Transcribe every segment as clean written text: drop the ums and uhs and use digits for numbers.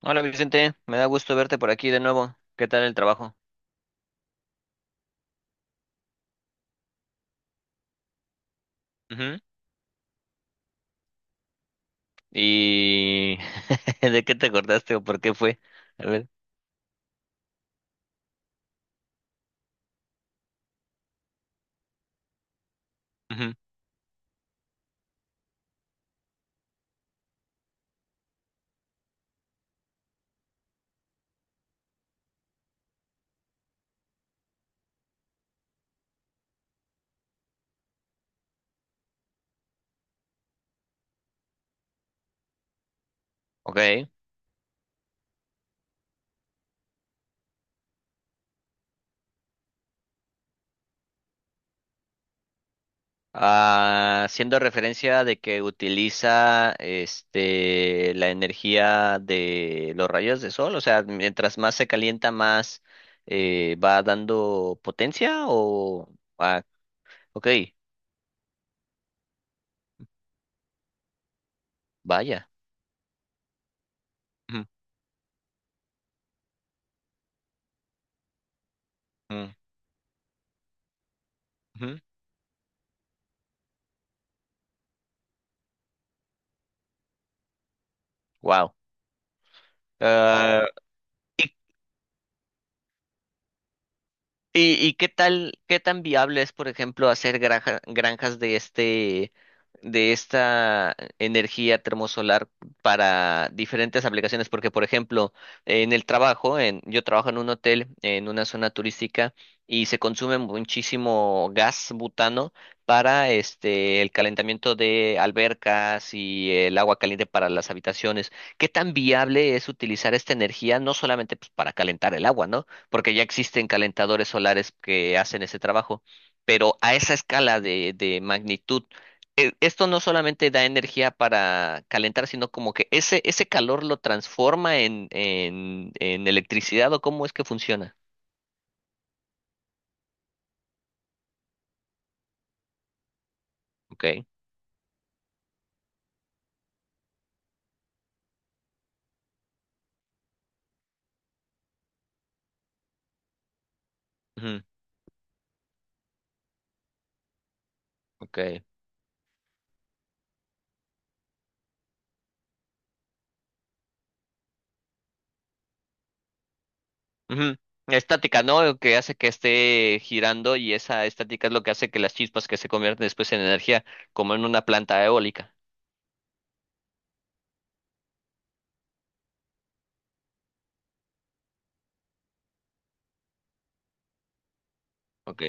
Hola Vicente, me da gusto verte por aquí de nuevo. ¿Qué tal el trabajo? Ujú. ¿Y de qué te acordaste o por qué fue? A ver. Ujú. Ok. Ah, haciendo referencia de que utiliza este la energía de los rayos de sol, o sea, mientras más se calienta, más va dando potencia o ah, ok, vaya. Wow. ¿Y, qué tal, qué tan viable es, por ejemplo, hacer granjas de este, de esta energía termosolar para diferentes aplicaciones? Porque, por ejemplo, en el trabajo, yo trabajo en un hotel, en una zona turística, y se consume muchísimo gas butano para este, el calentamiento de albercas y el agua caliente para las habitaciones. ¿Qué tan viable es utilizar esta energía, no solamente pues, para calentar el agua, ¿no? Porque ya existen calentadores solares que hacen ese trabajo, pero a esa escala de, magnitud, esto no solamente da energía para calentar, sino como que ese calor lo transforma en electricidad o cómo es que funciona. Ok, ujú, ok. Ujú. Estática, ¿no? Lo que hace que esté girando y esa estática es lo que hace que las chispas que se convierten después en energía, como en una planta eólica. Ok.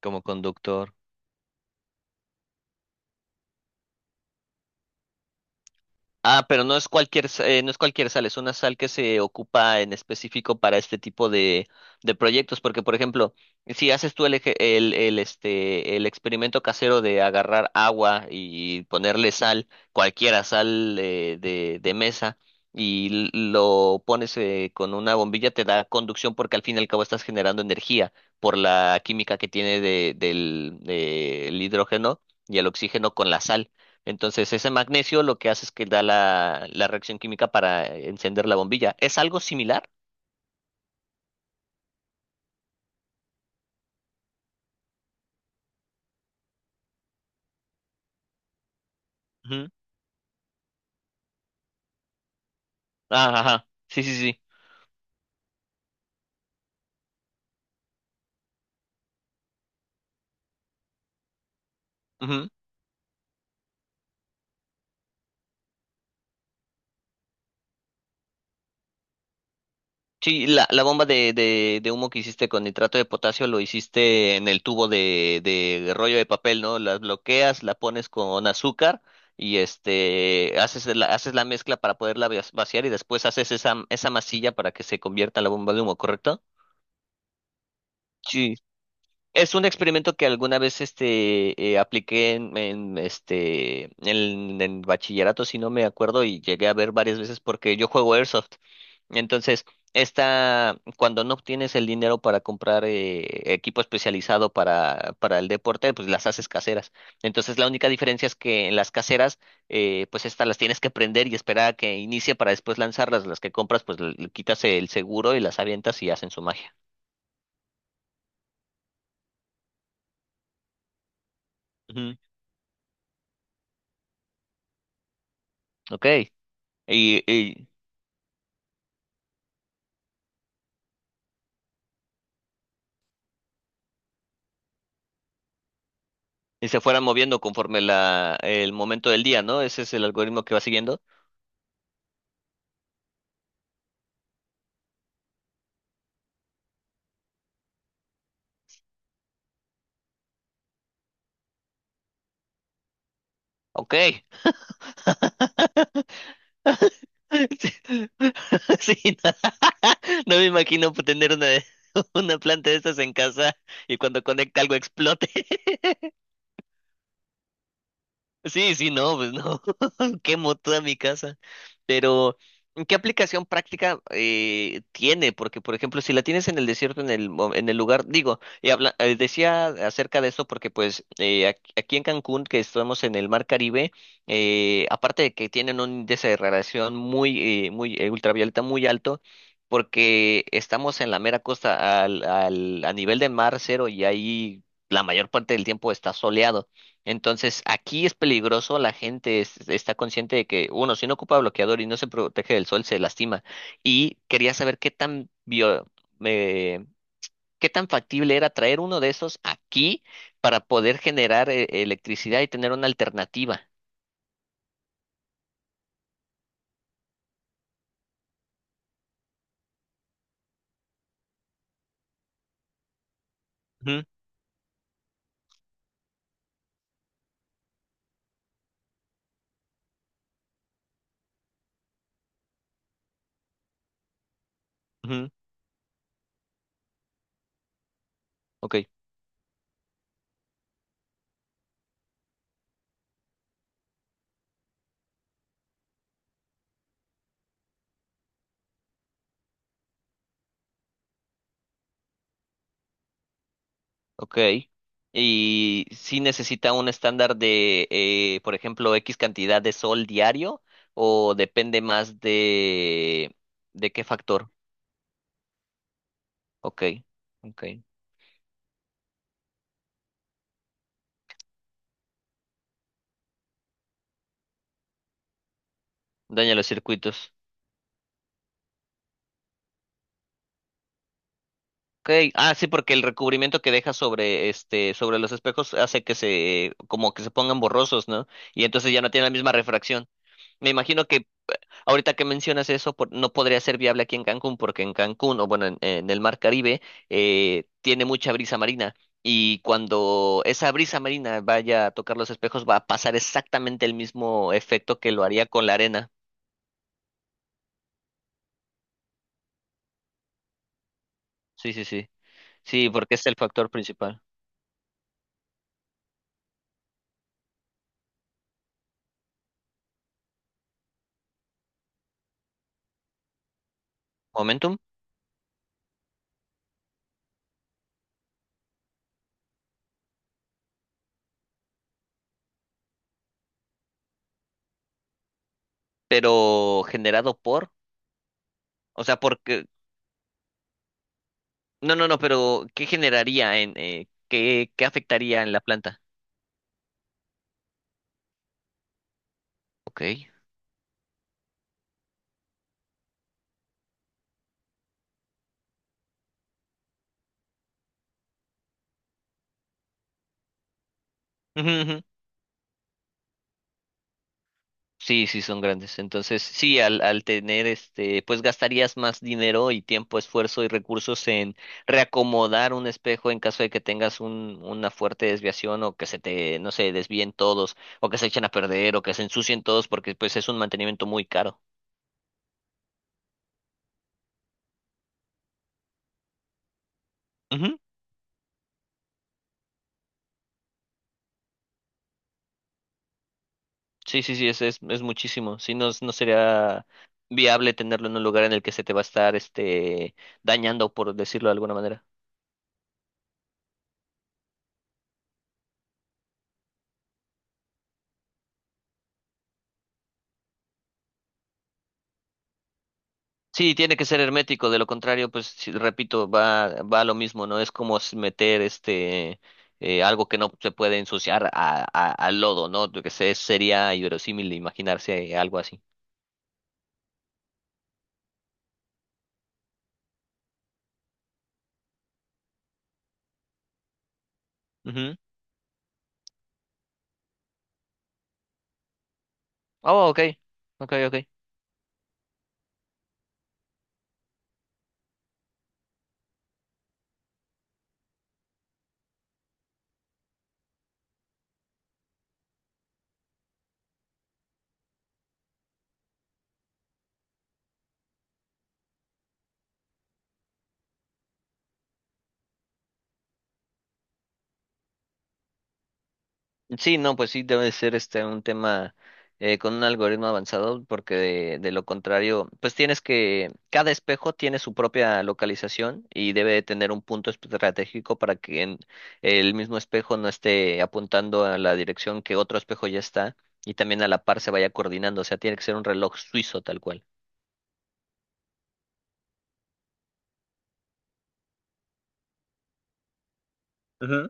Como conductor. Ah, pero no es cualquier, no es cualquier sal, es una sal que se ocupa en específico para este tipo de proyectos, porque por ejemplo, si haces tú el, el experimento casero de agarrar agua y ponerle sal, cualquiera sal de mesa, y lo pones con una bombilla, te da conducción porque al fin y al cabo estás generando energía por la química que tiene de, del, del hidrógeno y el oxígeno con la sal. Entonces, ese magnesio lo que hace es que da la, la reacción química para encender la bombilla. ¿Es algo similar? Ujú. Ah, ajá. Sí, sí, sí. Ujú. Sí, la bomba de humo que hiciste con nitrato de potasio lo hiciste en el tubo de rollo de papel, ¿no? La bloqueas, la pones con azúcar y este haces la mezcla para poderla vaciar y después haces esa, esa masilla para que se convierta en la bomba de humo, ¿correcto? Sí. Es un experimento que alguna vez este, apliqué en bachillerato, si no me acuerdo, y llegué a ver varias veces porque yo juego Airsoft. Entonces, esta, cuando no obtienes el dinero para comprar equipo especializado para el deporte, pues las haces caseras. Entonces, la única diferencia es que en las caseras, pues estas las tienes que prender y esperar a que inicie para después lanzarlas. Las que compras, pues le quitas el seguro y las avientas y hacen su magia. Ujú. Ok. Y, y y se fueran moviendo conforme la, el momento del día, ¿no? Ese es el algoritmo que va siguiendo. Ok. Sí, sí, no, no me imagino tener una, una planta de estas en casa y cuando conecta algo explote. Sí, sí, no, pues no, quemo toda mi casa. Pero, ¿qué aplicación práctica tiene? Porque, por ejemplo, si la tienes en el desierto, en el, en el lugar, digo, y habla, decía acerca de esto porque, pues, aquí, en Cancún, que estamos en el Mar Caribe, aparte de que tienen un índice de radiación muy, muy ultravioleta muy alto, porque estamos en la mera costa, al, al, a nivel de mar cero y ahí la mayor parte del tiempo está soleado. Entonces, aquí es peligroso, la gente está consciente de que uno, si no ocupa bloqueador y no se protege del sol, se lastima. Y quería saber qué tan eh, qué tan factible era traer uno de esos aquí para poder generar electricidad y tener una alternativa. Ujú, ujú, ok, ok. Y si necesita un estándar de, por ejemplo, X cantidad de sol diario o depende más de qué factor. Ok, ok. Daña los circuitos. Okay. Ah, sí, porque el recubrimiento que deja sobre este, sobre los espejos hace que se, como que se pongan borrosos, ¿no? Y entonces ya no tiene la misma refracción. Me imagino que ahorita que mencionas eso, no podría ser viable aquí en Cancún, porque en Cancún, o bueno, en el Mar Caribe, tiene mucha brisa marina. Y cuando esa brisa marina vaya a tocar los espejos, va a pasar exactamente el mismo efecto que lo haría con la arena. Sí, sí, sí. Sí, porque es el factor principal. ¿Momentum? Pero generado por, o sea, porque, no, no, no, pero ¿qué generaría en, qué, qué afectaría en la planta? Ok. Ujú, ujú. Sí, sí, son grandes. Entonces, sí, al, al tener este, pues gastarías más dinero y tiempo, esfuerzo y recursos en reacomodar un espejo en caso de que tengas un, una fuerte desviación o que se te, no sé, desvíen todos o que se echen a perder o que se ensucien todos porque pues es un mantenimiento muy caro. Sí, sí, sí, es muchísimo. Si no, no sería viable tenerlo en un lugar en el que se te va a estar este dañando, por decirlo de alguna manera. Sí, tiene que ser hermético, de lo contrario, pues sí, repito, va, va a lo mismo, ¿no? Es como meter este algo que no se puede ensuciar a, al lodo, ¿no? Lo que sé, sería inverosímil imaginarse algo así. Ujú. Oh, ok, ok, ok. Sí, no, pues sí debe ser este un tema con un algoritmo avanzado, porque de lo contrario, pues tienes que, cada espejo tiene su propia localización y debe tener un punto estratégico para que el mismo espejo no esté apuntando a la dirección que otro espejo ya está y también a la par se vaya coordinando, o sea, tiene que ser un reloj suizo tal cual. Ujú.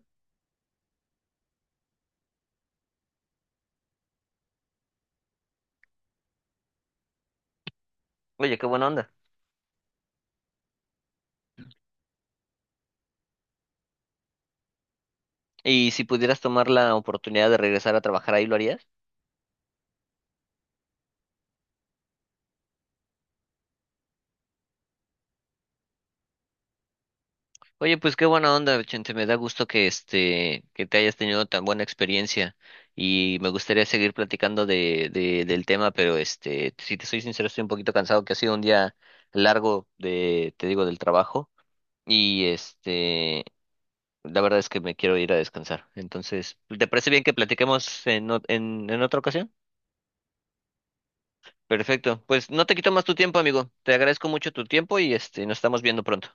Oye, qué buena onda. ¿Y si pudieras tomar la oportunidad de regresar a trabajar ahí, lo harías? Oye, pues qué buena onda, Vicente. Me da gusto que este, que te hayas tenido tan buena experiencia y me gustaría seguir platicando de, del tema, pero este, si te soy sincero, estoy un poquito cansado, que ha sido un día largo de, te digo, del trabajo y este, la verdad es que me quiero ir a descansar. Entonces, ¿te parece bien que platiquemos en, en otra ocasión? Perfecto. Pues no te quito más tu tiempo, amigo. Te agradezco mucho tu tiempo y este, nos estamos viendo pronto.